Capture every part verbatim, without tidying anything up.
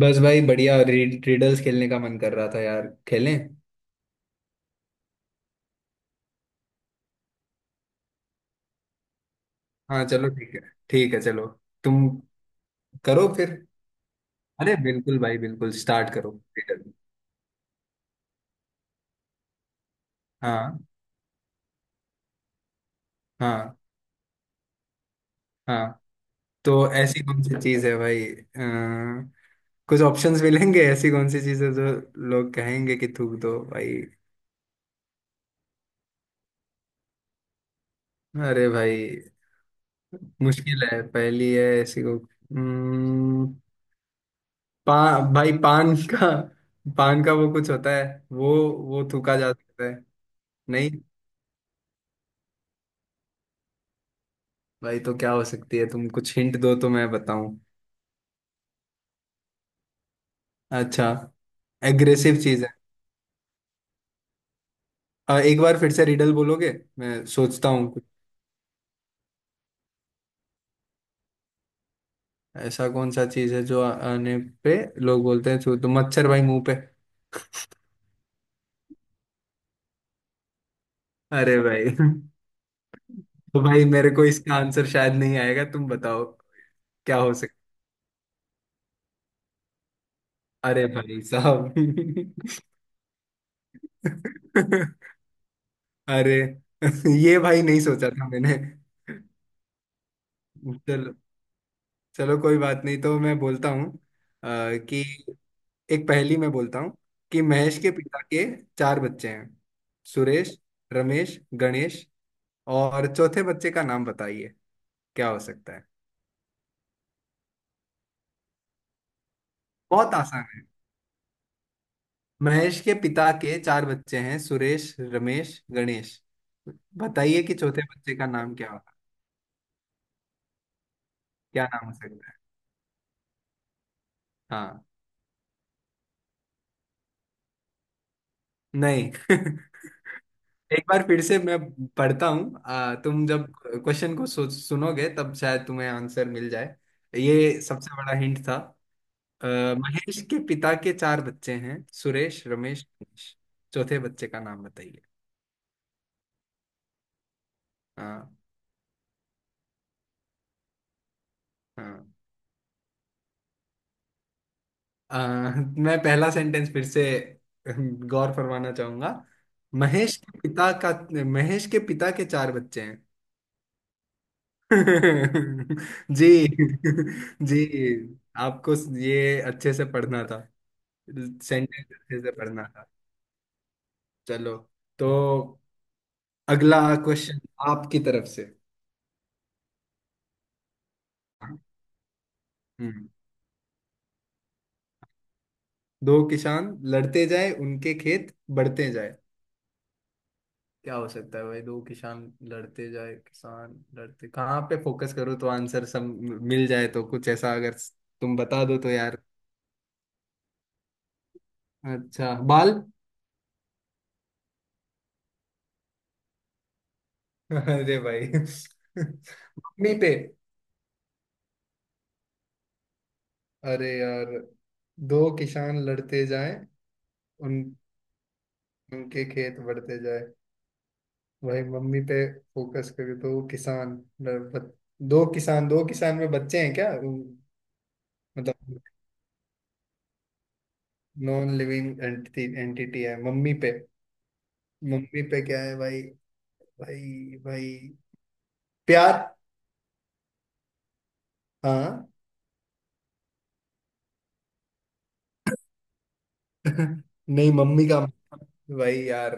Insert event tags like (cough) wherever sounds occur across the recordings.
बस भाई बढ़िया रि- रिडल्स खेलने का मन कर रहा था यार। खेलें? हाँ चलो, ठीक है। ठीक है, चलो। तुम करो फिर। अरे बिल्कुल भाई, बिल्कुल स्टार्ट करो रिडल। हाँ हाँ। हाँ, तो ऐसी कौन सी चीज़ है भाई, अ, कुछ ऑप्शंस मिलेंगे। ऐसी कौन सी चीज़ है जो लोग कहेंगे कि थूक दो भाई? अरे भाई, मुश्किल है, पहली है ऐसी को। हम्म, पा, भाई, पान का। पान का वो कुछ होता है वो। वो थूका जा सकता है। नहीं भाई, तो क्या हो सकती है? तुम कुछ हिंट दो तो मैं बताऊं। अच्छा, एग्रेसिव चीज है। अ, एक बार फिर से रिडल बोलोगे, मैं सोचता हूँ कुछ। ऐसा कौन सा चीज है जो आ- आने पे लोग बोलते हैं? छू तो मच्छर भाई मुंह पे। अरे भाई (laughs) तो भाई, मेरे को इसका आंसर शायद नहीं आएगा, तुम बताओ क्या हो सकता। अरे भाई साहब (laughs) अरे (laughs) ये भाई नहीं सोचा था मैंने। चलो, चलो कोई बात नहीं, तो मैं बोलता हूँ। अ, कि एक पहेली मैं बोलता हूँ कि महेश के पिता के चार बच्चे हैं, सुरेश, रमेश, गणेश, और चौथे बच्चे का नाम बताइए। क्या हो सकता है? बहुत आसान है। महेश के पिता के चार बच्चे हैं, सुरेश, रमेश, गणेश। बताइए कि चौथे बच्चे का नाम क्या होगा। क्या नाम हो सकता है? हाँ। नहीं (laughs) एक बार फिर से मैं पढ़ता हूँ, आ, तुम जब क्वेश्चन को सु, सुनोगे तब शायद तुम्हें आंसर मिल जाए। ये सबसे बड़ा हिंट था। अ, महेश के पिता के चार बच्चे हैं, सुरेश, रमेश, मनीष। चौथे बच्चे का नाम बताइए। हाँ। हाँ। अ, मैं पहला सेंटेंस फिर से गौर फरमाना चाहूंगा। महेश के पिता का महेश के पिता के चार बच्चे हैं। (laughs) जी। जी, आपको ये अच्छे से पढ़ना था, सेंटेंस अच्छे से पढ़ना था। चलो, तो अगला क्वेश्चन आपकी तरफ से। हाँ। हम्म। दो किसान लड़ते जाए, उनके खेत बढ़ते जाए। क्या हो सकता है भाई? दो किसान लड़ते जाए, किसान लड़ते कहाँ पे फोकस करो तो आंसर सब मिल जाए, तो कुछ ऐसा अगर तुम बता दो तो यार। अच्छा, बाल (laughs) अरे भाई (laughs) मम्मी पे? अरे यार, दो किसान लड़ते जाए, उन उनके खेत बढ़ते जाए। भाई, मम्मी पे फोकस करो। दो किसान लड़- दो किसान, दो किसान में बच्चे हैं क्या? उन- मतलब नॉन लिविंग एंटिटी एंटिटी है? मम्मी पे? मम्मी पे क्या है भाई भाई भाई, प्यार? हाँ (laughs) नहीं, मम्मी का। भाई यार,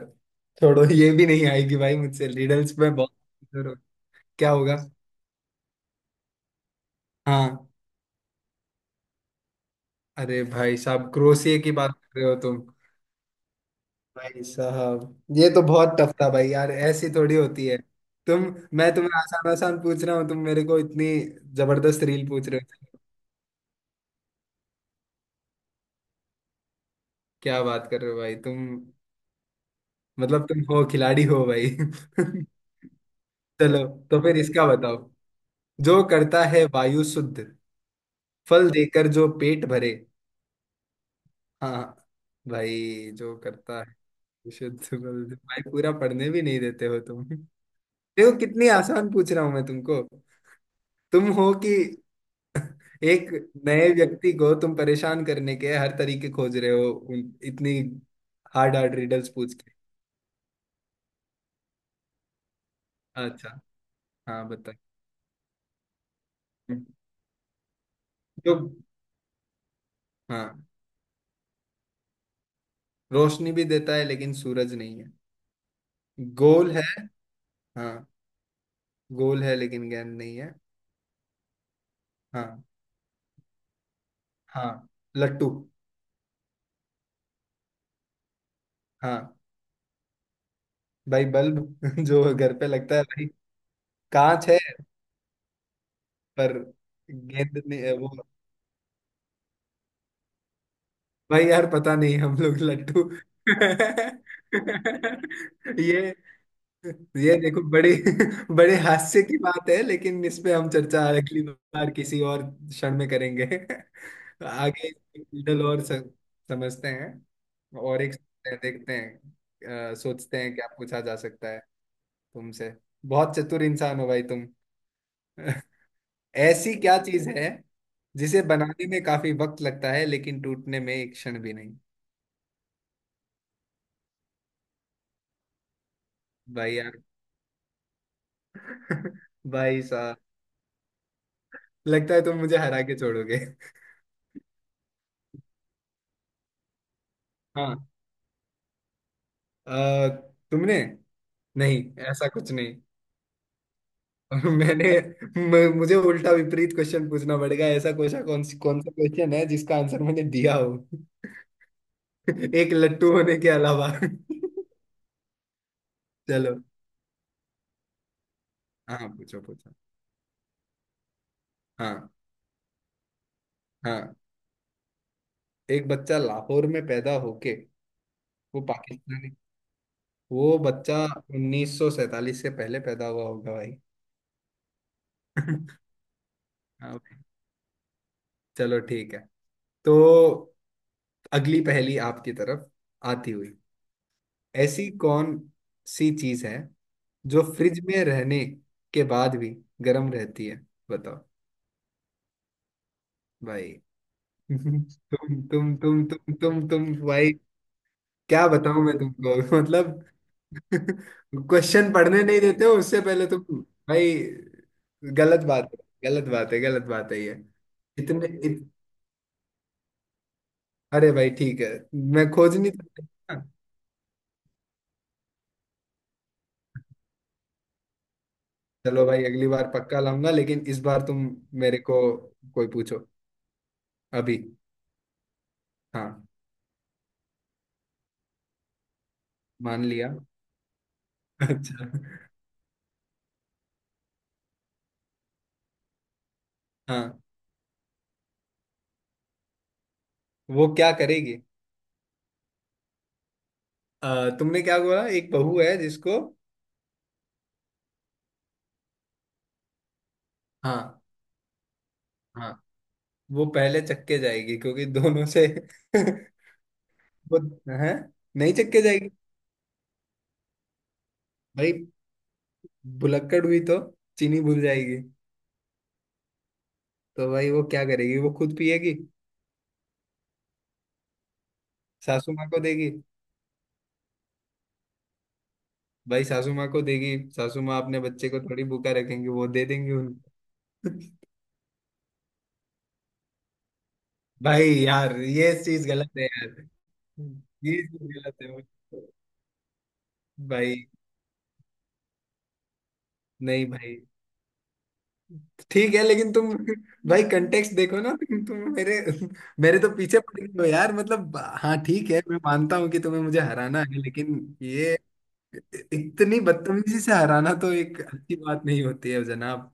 छोड़ो, ये भी नहीं आएगी भाई, मुझसे, रिडल्स में बहुत कमजोर हो। क्या होगा? हाँ। अरे भाई साहब, क्रोसिए की बात कर रहे हो तुम? भाई साहब, ये तो बहुत टफ था भाई यार, ऐसी थोड़ी होती है तुम। मैं तुम्हें आसान आसान पूछ रहा हूँ, तुम मेरे को इतनी जबरदस्त रील पूछ रहे हो। क्या बात कर रहे हो भाई तुम? मतलब तुम हो, खिलाड़ी हो भाई (laughs) चलो, तो फिर इसका बताओ। जो करता है वायु शुद्ध, फल देकर जो पेट भरे। हाँ। भाई, जो करता है शुद्ध फल दे- भाई पूरा पढ़ने भी नहीं देते हो तुम। देखो कितनी आसान पूछ रहा हूं मैं तुमको, तुम हो कि एक नए व्यक्ति को तुम परेशान करने के हर तरीके खोज रहे हो। उन- इतनी हार्ड हार्ड रिडल्स पूछ के। अच्छा। हाँ बताइए। जो। हाँ, रोशनी भी देता है लेकिन सूरज नहीं है। गोल है। हाँ, गोल है लेकिन गेंद नहीं है। हाँ। हाँ। लट्टू। हाँ, भाई, बल्ब (laughs) जो घर पे लगता है भाई। कांच है पर गेंद नहीं है वो। भाई यार, पता नहीं, हम लोग लट्टू (laughs) ये ये देखो, बड़े (laughs) बड़े हास्य की बात है, लेकिन इस पे हम चर्चा अगली बार किसी और क्षण में करेंगे। (laughs) आगे एक रिडल और स- समझते हैं। और एक सोचते हैं, देखते हैं, अ, सोचते हैं क्या पूछा जा सकता है तुमसे। बहुत चतुर इंसान हो भाई तुम (laughs) ऐसी क्या चीज है जिसे बनाने में काफी वक्त लगता है लेकिन टूटने में एक क्षण भी नहीं? भाई यार (laughs) भाई साहब, लगता है तुम मुझे हरा के छोड़ोगे (laughs) हाँ। आ, तुमने। नहीं, ऐसा कुछ नहीं। (laughs) मैंने म, मुझे उल्टा विपरीत क्वेश्चन पूछना पड़ेगा। ऐसा क्वेश्चन, कौन सी कौन सा क्वेश्चन है जिसका आंसर मैंने दिया हो। (laughs) एक लट्टू होने के अलावा (laughs) चलो। हाँ पूछो, पूछो। हाँ। हाँ, एक बच्चा लाहौर में पैदा होके वो पाकिस्तानी। वो बच्चा उन्नीस सौ सैंतालीस से पहले पैदा हुआ होगा भाई। (laughs) हाँ भाई, चलो ठीक है। तो अगली पहेली आपकी तरफ आती हुई। ऐसी कौन सी चीज है जो फ्रिज में रहने के बाद भी गर्म रहती है? बताओ। भाई (laughs) तुम तुम तुम तुम तुम तुम भाई, क्या बताऊं मैं तुमको (laughs) मतलब (laughs) क्वेश्चन पढ़ने नहीं देते हो उससे पहले तुम भाई। गलत बात है, गलत बात है, गलत बात है ये। इतने इत, अरे भाई ठीक है। मैं खोज नहीं सकता। चलो भाई, अगली बार पक्का लाऊंगा, लेकिन इस बार तुम मेरे को कोई पूछो अभी। हाँ। मान लिया (laughs) अच्छा। हाँ, वो क्या करेगी? अ, तुमने क्या बोला? एक बहू है जिसको। हाँ। हाँ। वो पहले चक्के जाएगी, क्योंकि दोनों से (laughs) वो है, नहीं चक्के जाएगी भाई। भुलक्कड़ हुई तो चीनी भूल जाएगी। तो भाई वो क्या करेगी? वो खुद पिएगी। सासू माँ को देगी। भाई, सासू माँ को देगी, सासू माँ अपने बच्चे को थोड़ी भूखा रखेंगी, वो दे देंगी उनको। (laughs) भाई यार, ये चीज गलत है यार, ये चीज गलत है भाई। नहीं भाई, ठीक है लेकिन तुम। भाई कंटेक्स्ट देखो ना तुम तुम मेरे मेरे तो पीछे पड़ गए हो यार। मतलब, हाँ ठीक है, मैं मानता हूँ कि तुम्हें मुझे हराना है, लेकिन ये इतनी बदतमीजी से हराना तो एक अच्छी बात नहीं होती है जनाब।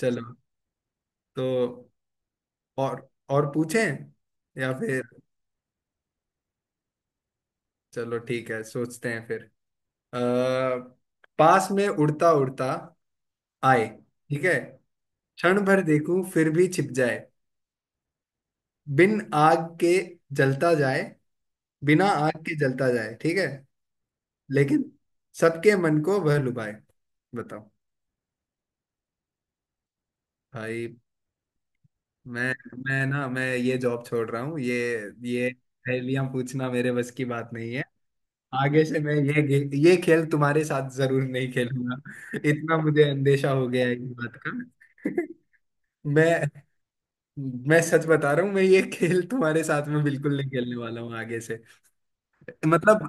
चलो, तो और और पूछें, या फिर चलो ठीक है, सोचते हैं फिर। आ, पास में उड़ता उड़ता आए। ठीक है। क्षण भर देखूं फिर भी छिप जाए। बिन आग के जलता जाए बिना आग के जलता जाए, ठीक है, लेकिन सबके मन को वह लुभाए। बताओ। भाई, मैं मैं ना मैं ये जॉब छोड़ रहा हूँ। ये ये पहेलियां पूछना मेरे बस की बात नहीं है। आगे से मैं ये गे- ये खेल तुम्हारे साथ जरूर नहीं खेलूंगा। (laughs) इतना मुझे अंदेशा हो गया है इस बात का। (laughs) मैं मैं सच बता रहा हूँ, मैं ये खेल तुम्हारे साथ में बिल्कुल नहीं खेलने वाला हूँ आगे से। मतलब,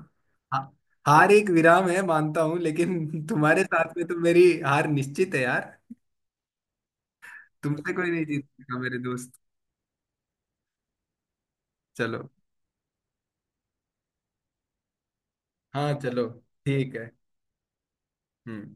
हा- हार एक विराम है मानता हूं, लेकिन तुम्हारे साथ में तो मेरी हार निश्चित है यार। तुमसे कोई नहीं जीत सका मेरे दोस्त। चलो। हाँ चलो ठीक है। हम्म